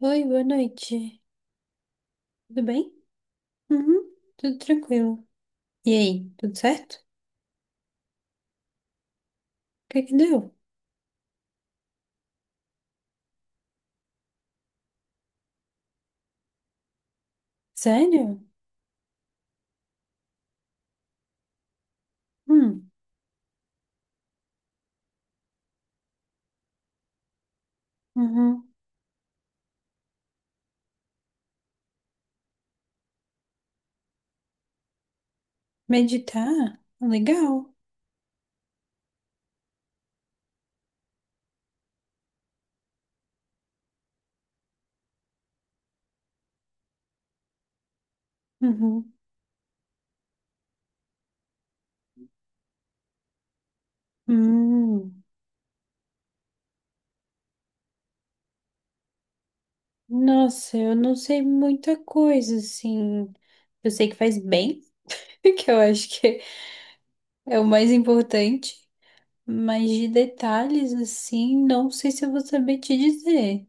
Oi, boa noite. Tudo bem? Uhum, tudo tranquilo. E aí, tudo certo? O que que deu? Sério? Hum, uhum. Meditar? Legal. Uhum. Hum. Nossa, eu não sei muita coisa, assim. Eu sei que faz bem, que eu acho que é o mais importante. Mas de detalhes, assim, não sei se eu vou saber te dizer.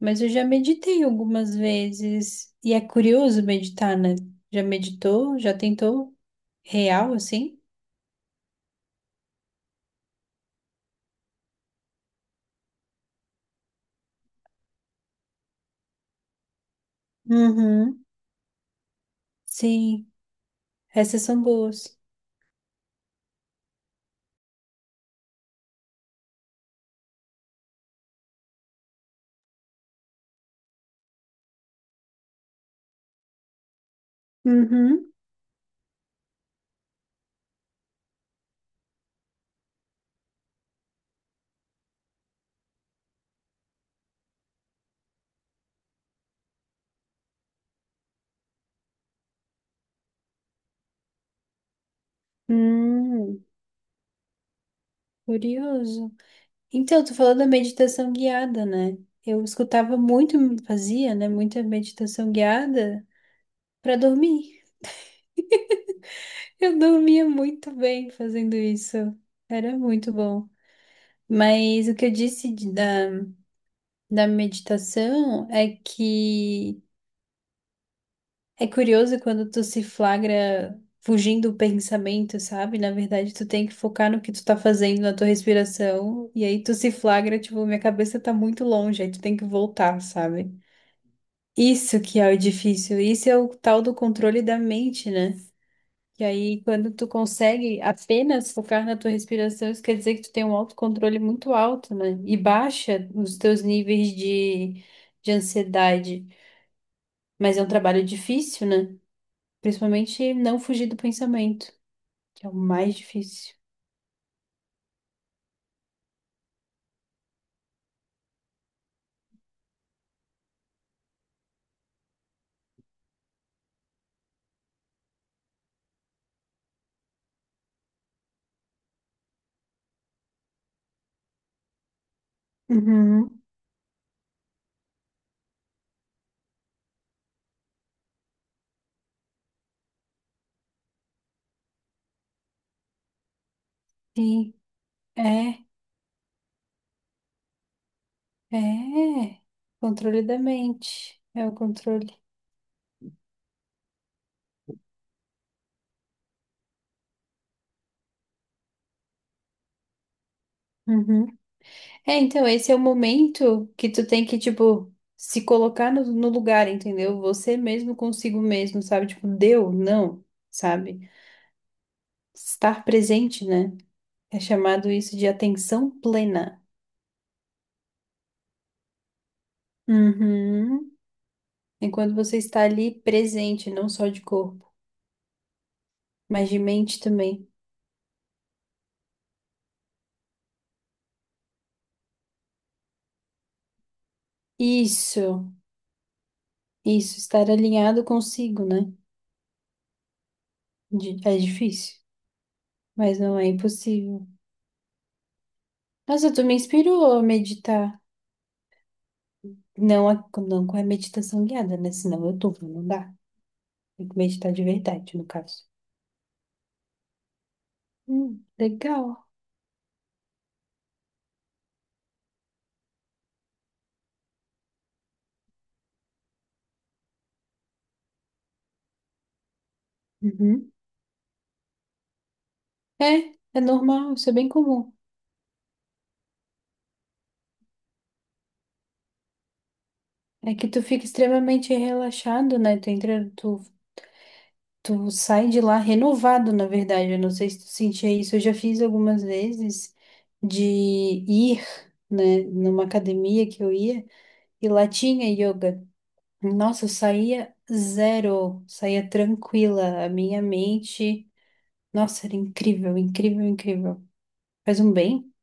Mas eu já meditei algumas vezes. E é curioso meditar, né? Já meditou? Já tentou? Real, assim? Uhum. Sim, essas são boas. Uhum. Hum. Curioso. Então, tu falou da meditação guiada, né? Eu escutava muito, fazia, né? Muita meditação guiada para dormir. Eu dormia muito bem fazendo isso. Era muito bom. Mas o que eu disse da da meditação é que é curioso quando tu se flagra fugindo do pensamento, sabe? Na verdade, tu tem que focar no que tu tá fazendo, na tua respiração, e aí tu se flagra, tipo, minha cabeça tá muito longe, aí tu tem que voltar, sabe? Isso que é o difícil, isso é o tal do controle da mente, né? E aí, quando tu consegue apenas focar na tua respiração, isso quer dizer que tu tem um autocontrole muito alto, né? E baixa os teus níveis de ansiedade. Mas é um trabalho difícil, né? Principalmente não fugir do pensamento, que é o mais difícil. Uhum. Sim, é, é. Controle da mente. É o controle. Uhum. É, então, esse é o momento que tu tem que, tipo, se colocar no lugar, entendeu? Você mesmo consigo mesmo, sabe? Tipo, deu, não, sabe? Estar presente, né? É chamado isso de atenção plena. Uhum. Enquanto você está ali presente, não só de corpo, mas de mente também. Isso, isso, estar alinhado consigo, né? É difícil, mas não é impossível. Nossa, tu me inspirou a meditar. Não, não com a meditação guiada, né? Senão eu tô, não dá. Tem que meditar de verdade, no caso. Legal. Uhum. É, é normal, isso é bem comum. É que tu fica extremamente relaxado, né? Tu entra, tu Tu sai de lá renovado, na verdade. Eu não sei se tu sentia isso. Eu já fiz algumas vezes de ir, né, numa academia que eu ia e lá tinha yoga. Nossa, eu saía zero, saía tranquila. A minha mente, nossa, era incrível, incrível, incrível. Faz um bem?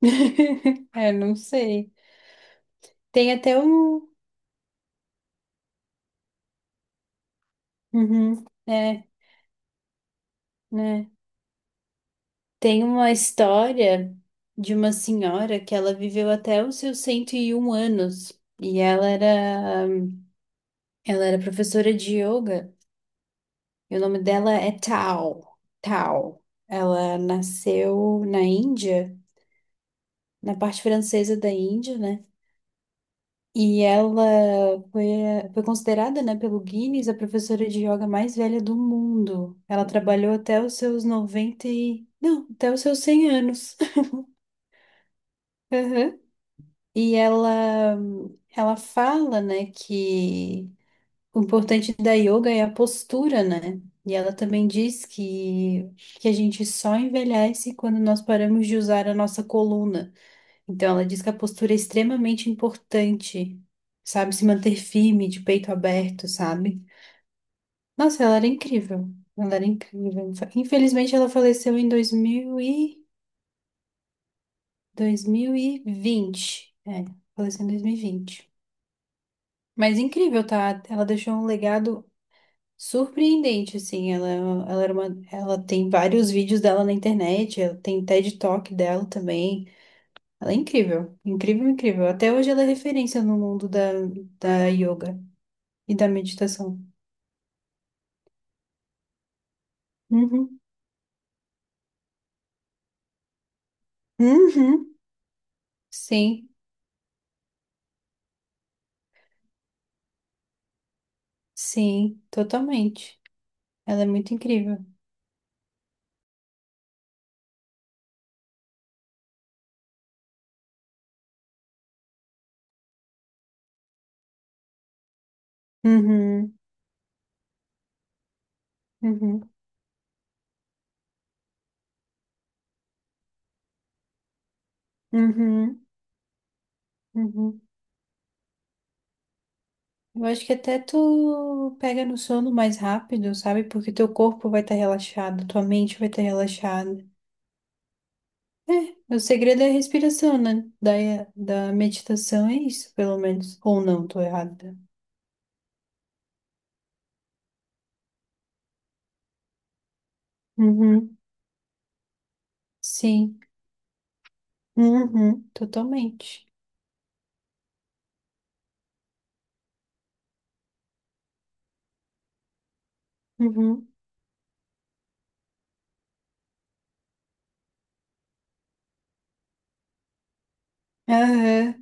É, não sei. Tem até um. Uhum, é, né. Tem uma história de uma senhora que ela viveu até os seus 101 anos e ela era professora de yoga. E o nome dela é Tao. Tao. Ela nasceu na Índia, na parte francesa da Índia, né? E foi considerada, né, pelo Guinness a professora de yoga mais velha do mundo. Ela trabalhou até os seus 90 e... Não, até os seus 100 anos. E ela fala, né, que o importante da yoga é a postura, né? E ela também diz que a gente só envelhece quando nós paramos de usar a nossa coluna. Então, ela diz que a postura é extremamente importante, sabe? Se manter firme, de peito aberto, sabe? Nossa, ela era incrível. Ela era incrível. Infelizmente, ela faleceu em 2000 e... 2020. É, faleceu em 2020. Mas incrível, tá? Ela deixou um legado surpreendente, assim. Ela tem vários vídeos dela na internet, ela tem TED Talk dela também. Ela é incrível, incrível, incrível. Até hoje ela é referência no mundo da, da yoga e da meditação. Uhum. Uhum. Sim, sim, totalmente. Ela é muito incrível. Uhum. Uhum. Uhum. Uhum. Eu acho que até tu pega no sono mais rápido, sabe? Porque teu corpo vai estar relaxado, tua mente vai estar relaxada. É, o segredo é a respiração, né? Da meditação é isso, pelo menos. Ou não, tô errada. Uhum, sim. Uhum, totalmente. Uhum. Aham.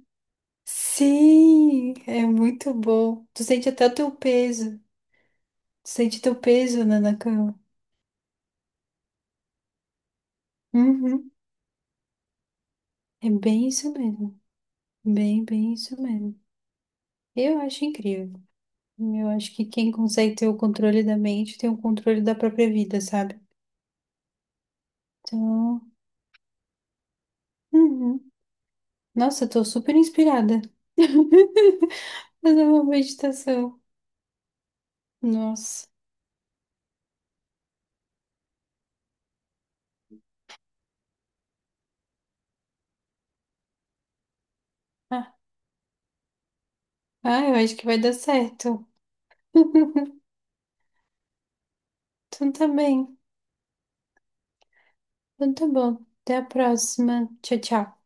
Sim, é muito bom. Tu sente até o teu peso. Tu sente teu peso, né, na cama. Uhum. É bem isso mesmo. Bem, bem isso mesmo. Eu acho incrível. Eu acho que quem consegue ter o controle da mente tem o controle da própria vida, sabe? Então, uhum. Nossa, eu tô super inspirada. Fazer uma meditação. Nossa. Ah, ah, eu acho que vai dar certo. Então tá bem. Então tá bom. Até a próxima. Tchau, tchau.